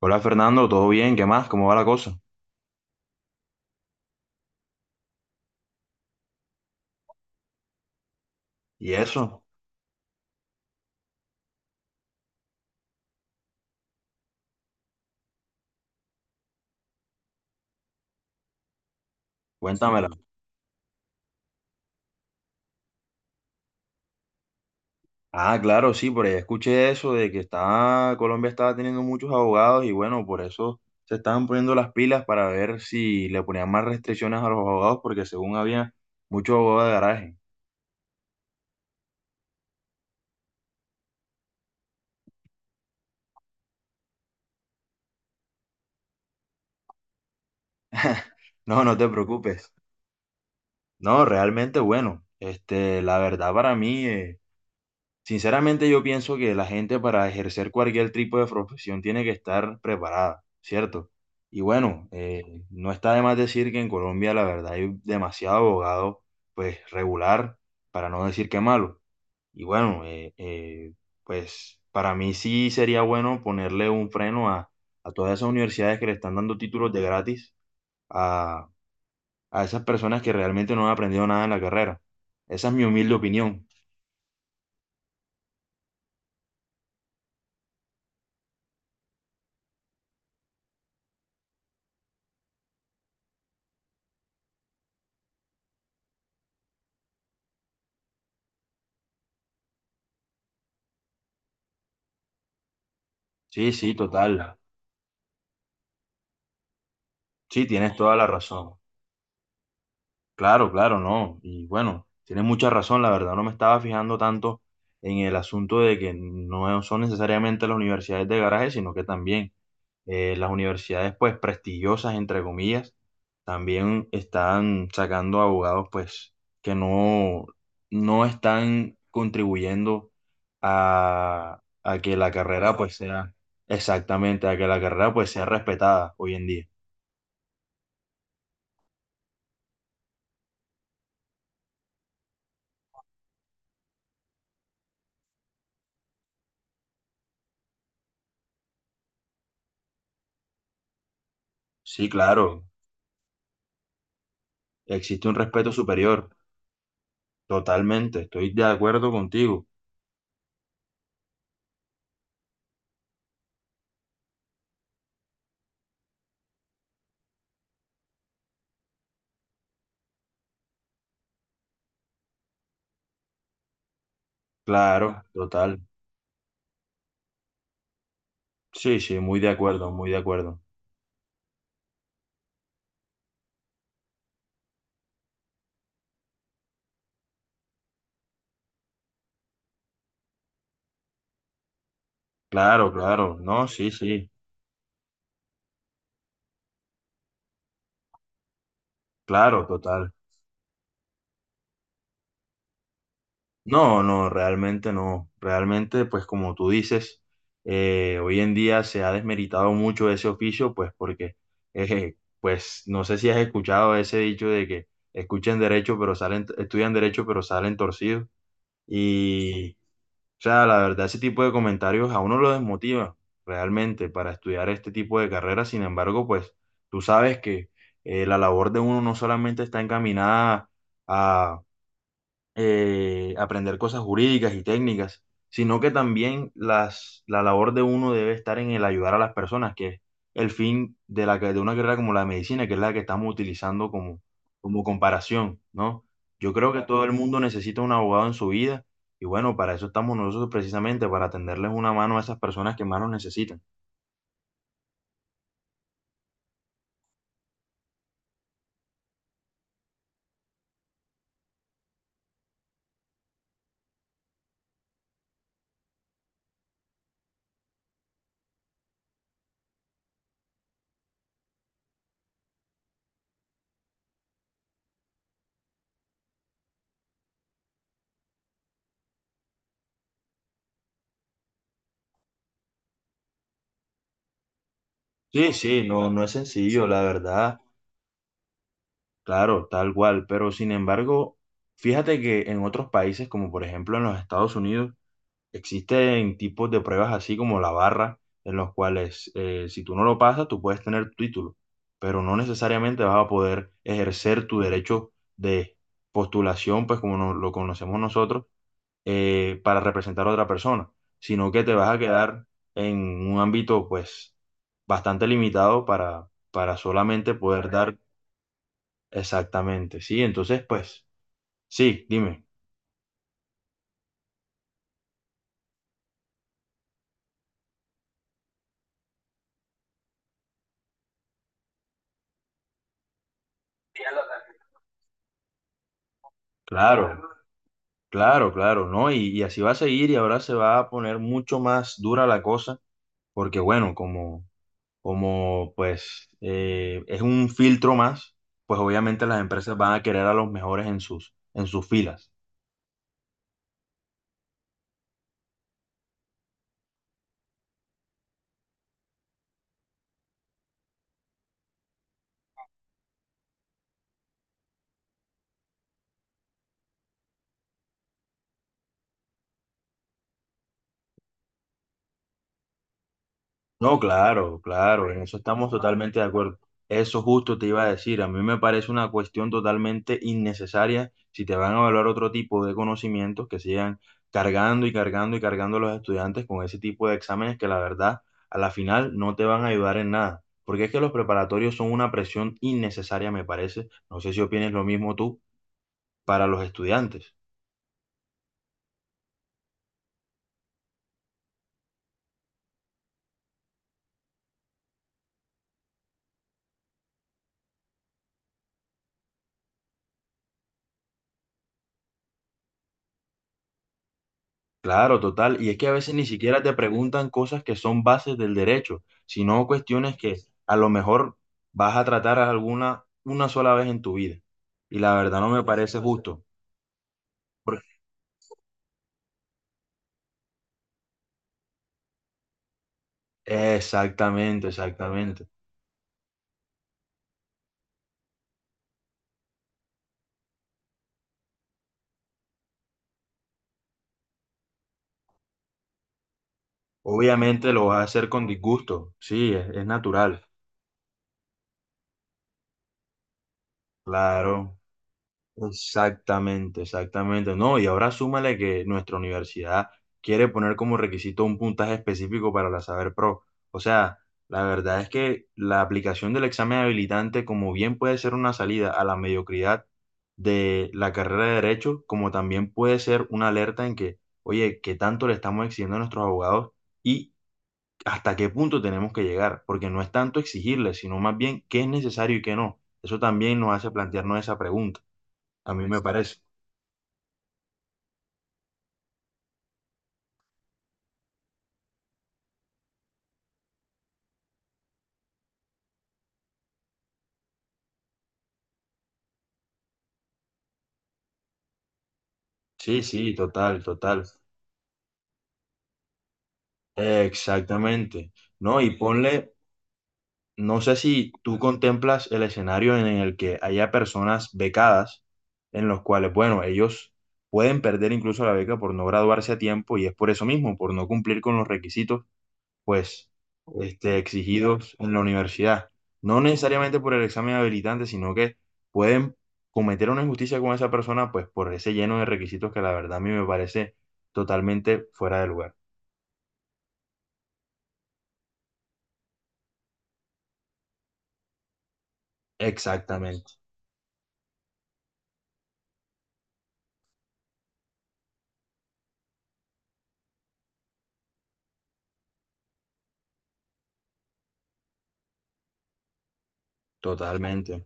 Hola Fernando, ¿todo bien? ¿Qué más? ¿Cómo va la cosa? ¿Y eso? Cuéntamela. Ah, claro, sí, por ahí escuché eso de que estaba, Colombia estaba teniendo muchos abogados y bueno, por eso se estaban poniendo las pilas para ver si le ponían más restricciones a los abogados porque según había muchos abogados de garaje. No, no te preocupes. No, realmente bueno. Este, la verdad para mí. Sinceramente yo pienso que la gente para ejercer cualquier tipo de profesión tiene que estar preparada, ¿cierto? Y bueno, no está de más decir que en Colombia la verdad hay demasiado abogado, pues regular, para no decir que malo. Y bueno, pues para mí sí sería bueno ponerle un freno a todas esas universidades que le están dando títulos de gratis a, a esas personas que realmente no han aprendido nada en la carrera. Esa es mi humilde opinión. Sí, sí, total. Sí, tienes toda la razón. Claro, claro, no. Y bueno, tienes mucha razón. La verdad, no me estaba fijando tanto en el asunto de que no son necesariamente las universidades de garaje, sino que también las universidades, pues, prestigiosas, entre comillas, también están sacando abogados, pues, que no, no están contribuyendo a que la carrera, pues, sea exactamente, a que la carrera, pues, sea respetada hoy en día. Sí, claro. Existe un respeto superior. Totalmente, estoy de acuerdo contigo. Claro, total. Sí, sí, muy de acuerdo, muy de acuerdo. Claro, claro. No, sí, sí. Claro, total. No, no, realmente no. Realmente, pues como tú dices, hoy en día se ha desmeritado mucho ese oficio, pues porque, pues no sé si has escuchado ese dicho de que escuchen derecho, pero salen, estudian derecho, pero salen torcidos. Y o sea, la verdad, ese tipo de comentarios a uno lo desmotiva realmente para estudiar este tipo de carreras. Sin embargo, pues tú sabes que la labor de uno no solamente está encaminada a, aprender cosas jurídicas y técnicas, sino que también la labor de uno debe estar en el ayudar a las personas, que es el fin de, de una carrera como la medicina, que es la que estamos utilizando como, como comparación, ¿no? Yo creo que todo el mundo necesita un abogado en su vida y bueno, para eso estamos nosotros precisamente, para tenderles una mano a esas personas que más nos necesitan. Sí, sí, no, no es sencillo, la verdad, claro, tal cual, pero sin embargo, fíjate que en otros países, como por ejemplo en los Estados Unidos, existen tipos de pruebas así como la barra, en los cuales si tú no lo pasas, tú puedes tener tu título, pero no necesariamente vas a poder ejercer tu derecho de postulación, pues como no- lo conocemos nosotros, para representar a otra persona, sino que te vas a quedar en un ámbito pues bastante limitado para solamente poder dar exactamente, ¿sí? Entonces, pues, sí, dime. Claro. Claro, claro, ¿no? Y así va a seguir y ahora se va a poner mucho más dura la cosa, porque bueno, como, como pues es un filtro más, pues obviamente las empresas van a querer a los mejores en sus filas. No, claro, claro, en eso estamos totalmente de acuerdo. Eso justo te iba a decir, a mí me parece una cuestión totalmente innecesaria si te van a evaluar otro tipo de conocimientos que sigan cargando y cargando y cargando a los estudiantes con ese tipo de exámenes que la verdad a la final no te van a ayudar en nada, porque es que los preparatorios son una presión innecesaria, me parece. No sé si opines lo mismo tú para los estudiantes. Claro, total. Y es que a veces ni siquiera te preguntan cosas que son bases del derecho, sino cuestiones que a lo mejor vas a tratar alguna una sola vez en tu vida. Y la verdad no me parece justo. Por- Exactamente, exactamente. Obviamente lo vas a hacer con disgusto. Sí, es natural. Claro. Exactamente, exactamente. No, y ahora súmale que nuestra universidad quiere poner como requisito un puntaje específico para la Saber Pro. O sea, la verdad es que la aplicación del examen habilitante, como bien puede ser una salida a la mediocridad de la carrera de Derecho, como también puede ser una alerta en que, oye, ¿qué tanto le estamos exigiendo a nuestros abogados y hasta qué punto tenemos que llegar? Porque no es tanto exigirles, sino más bien qué es necesario y qué no. Eso también nos hace plantearnos esa pregunta. A mí me parece. Sí, sí, total, total. Exactamente. No, y ponle, no sé si tú contemplas el escenario en el que haya personas becadas, en los cuales, bueno, ellos pueden perder incluso la beca por no graduarse a tiempo y es por eso mismo, por no cumplir con los requisitos pues, este, exigidos en la universidad. No necesariamente por el examen habilitante, sino que pueden cometer una injusticia con esa persona, pues, por ese lleno de requisitos que la verdad a mí me parece totalmente fuera de lugar. Exactamente, totalmente.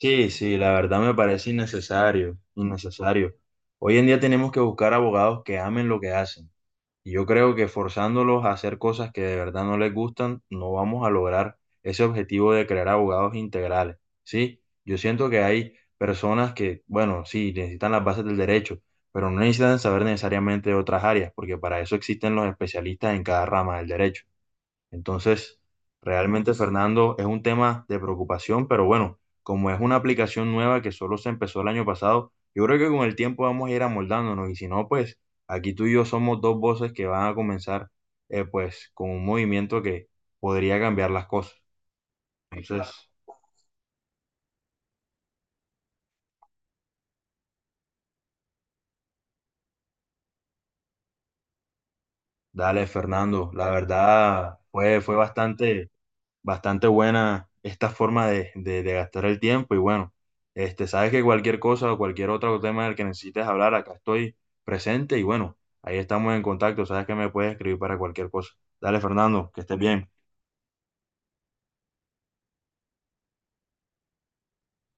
Sí, sí, la verdad me parece innecesario, innecesario. Hoy en día tenemos que buscar abogados que amen lo que hacen. Y yo creo que forzándolos a hacer cosas que de verdad no les gustan, no vamos a lograr ese objetivo de crear abogados integrales, ¿sí? Yo siento que hay personas que, bueno, sí, necesitan las bases del derecho, pero no necesitan saber necesariamente de otras áreas, porque para eso existen los especialistas en cada rama del derecho. Entonces, realmente, Fernando, es un tema de preocupación, pero bueno, como es una aplicación nueva que solo se empezó el año pasado, yo creo que con el tiempo vamos a ir amoldándonos y si no, pues aquí tú y yo somos dos voces que van a comenzar pues con un movimiento que podría cambiar las cosas. Entonces, dale, Fernando, la verdad fue, bastante buena esta forma de gastar el tiempo y bueno, este, sabes que cualquier cosa o cualquier otro tema del que necesites hablar, acá estoy presente y bueno, ahí estamos en contacto, sabes que me puedes escribir para cualquier cosa. Dale, Fernando, que estés bien.